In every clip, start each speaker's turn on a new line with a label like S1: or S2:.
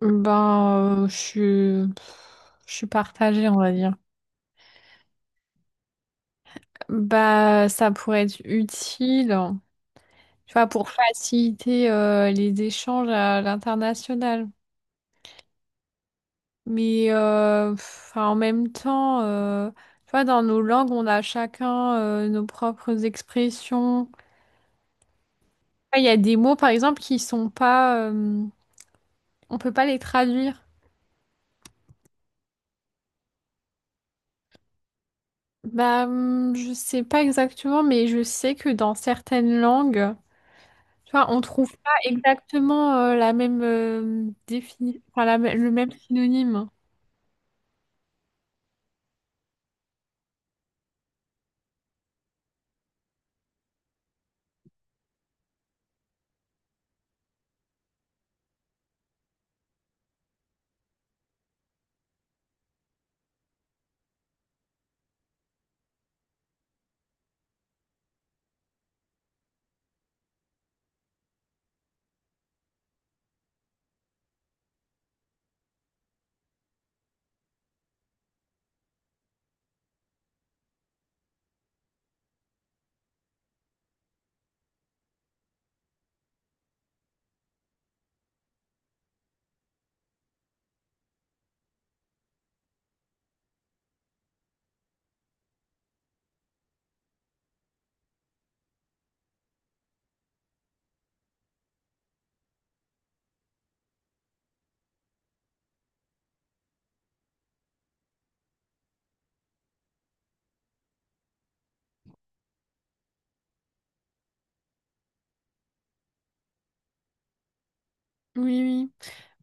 S1: Ben, je suis partagée, on va dire. Bah, ça pourrait être utile, tu vois, pour faciliter les échanges à l'international. Mais en même temps, tu vois, dans nos langues, on a chacun nos propres expressions. Ah, il y a des mots, par exemple, qui sont pas, on peut pas les traduire. Bah, je sais pas exactement, mais je sais que dans certaines langues. Tu vois, on trouve pas exactement la même enfin, le même synonyme. Oui, oui.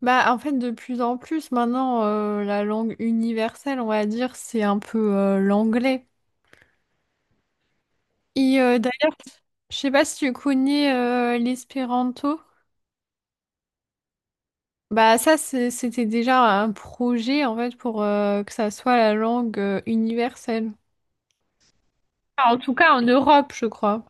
S1: Bah, en fait, de plus en plus, maintenant, la langue universelle, on va dire, c'est un peu l'anglais. Et d'ailleurs, je sais pas si tu connais l'espéranto. Bah, ça, c'était déjà un projet, en fait, pour que ça soit la langue universelle. Enfin, en tout cas, en Europe, je crois.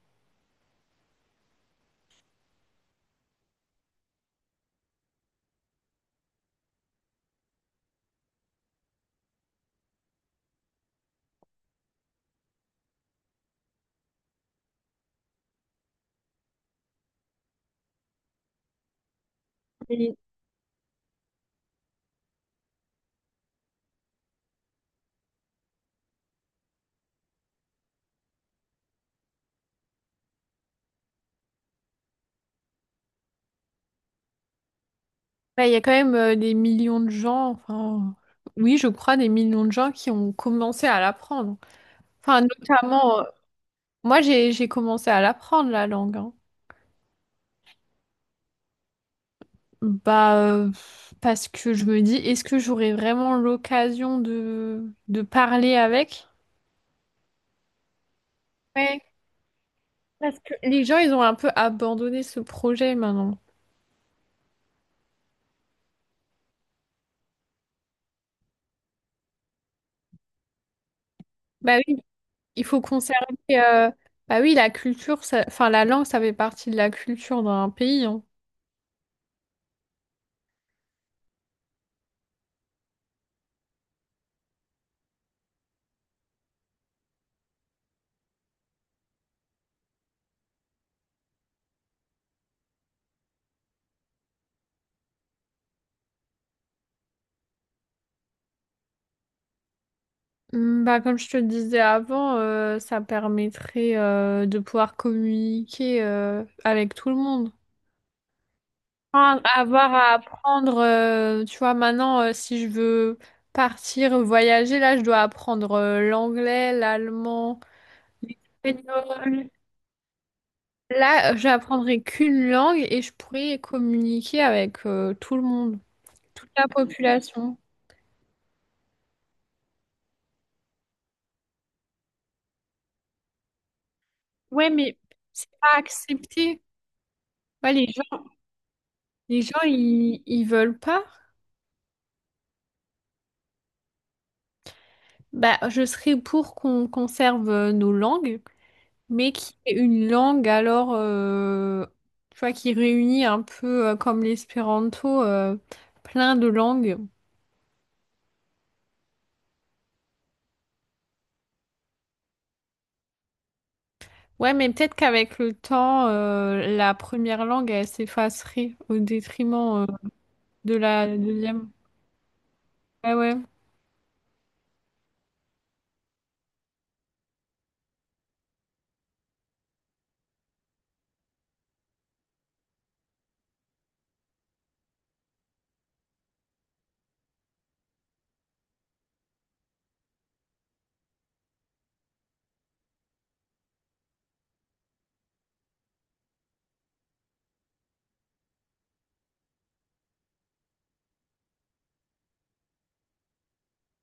S1: Bah, il y a quand même des millions de gens, enfin, oui, je crois, des millions de gens qui ont commencé à l'apprendre. Enfin, notamment, moi, j'ai commencé à l'apprendre, la langue. Hein. Bah, parce que je me dis, est-ce que j'aurai vraiment l'occasion de parler avec? Ouais, parce que les gens, ils ont un peu abandonné ce projet maintenant. Bah oui, il faut conserver, euh, bah oui, la culture, enfin, la langue, ça fait partie de la culture d'un pays. Hein. Bah, comme je te le disais avant, ça permettrait de pouvoir communiquer avec tout le monde. Enfin, avoir à apprendre, tu vois, maintenant, si je veux partir voyager, là, je dois apprendre l'anglais, l'allemand, l'espagnol. Là, j'apprendrai qu'une langue et je pourrai communiquer avec tout le monde, toute la population. Ouais, mais c'est pas accepté. Ouais, les gens, ils veulent pas. Bah, je serais pour qu'on conserve nos langues, mais qui est une langue alors, tu vois, qui réunit un peu comme l'espéranto, plein de langues. Ouais, mais peut-être qu'avec le temps, la première langue, elle s'effacerait au détriment, de la deuxième. Ouais, ouais.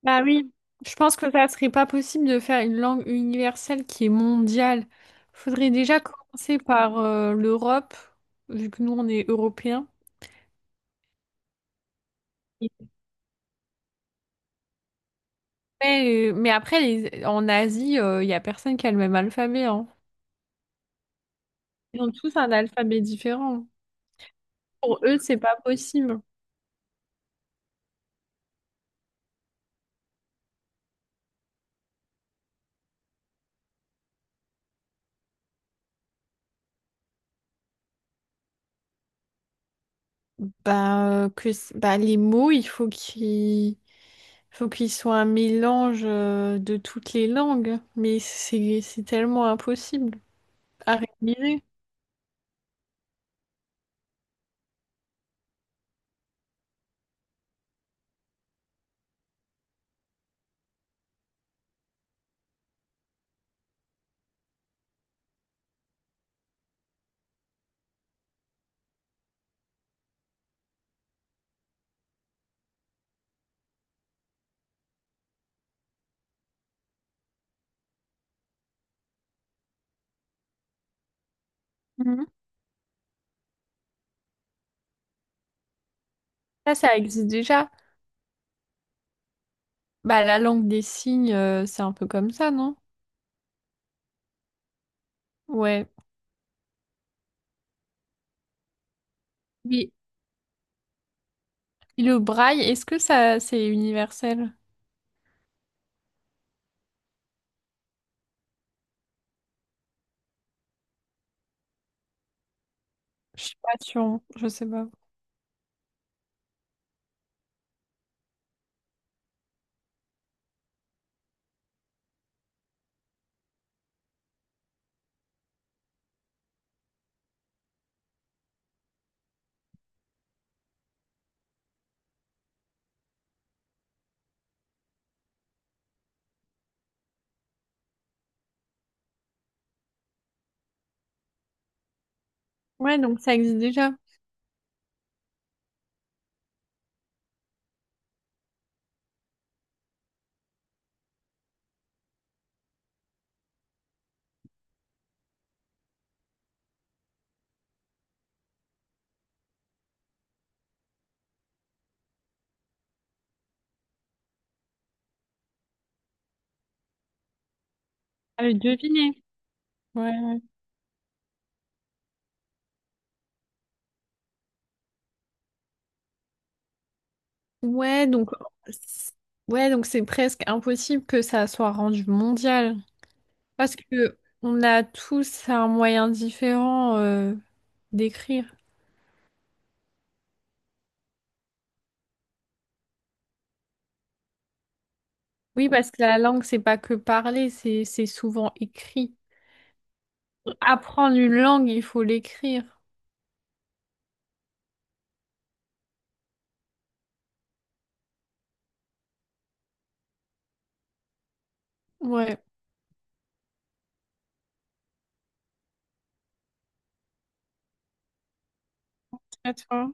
S1: Bah oui. Je pense que ça serait pas possible de faire une langue universelle qui est mondiale. Faudrait déjà commencer par, l'Europe, vu que nous, on est européens. Ouais, mais après, en Asie, il n'y a personne qui a le même alphabet, hein. Ils ont tous un alphabet différent. Pour eux, c'est pas possible. Bah, les mots, il faut qu'ils soient un mélange de toutes les langues, mais c'est tellement impossible à réaliser. Mhm. Ça existe déjà. Bah, la langue des signes, c'est un peu comme ça, non? Ouais. Oui. Et le braille, est-ce que ça, c'est universel? Je suis pas sûre, je sais pas. Ouais, donc ça existe déjà. Ah, deviner. Ouais. Ouais, donc c'est- ouais, donc c'est presque impossible que ça soit rendu mondial parce que on a tous un moyen différent d'écrire. Oui, parce que la langue, c'est pas que parler, c'est souvent écrit. Apprendre une langue, il faut l'écrire. Ouais. À toi.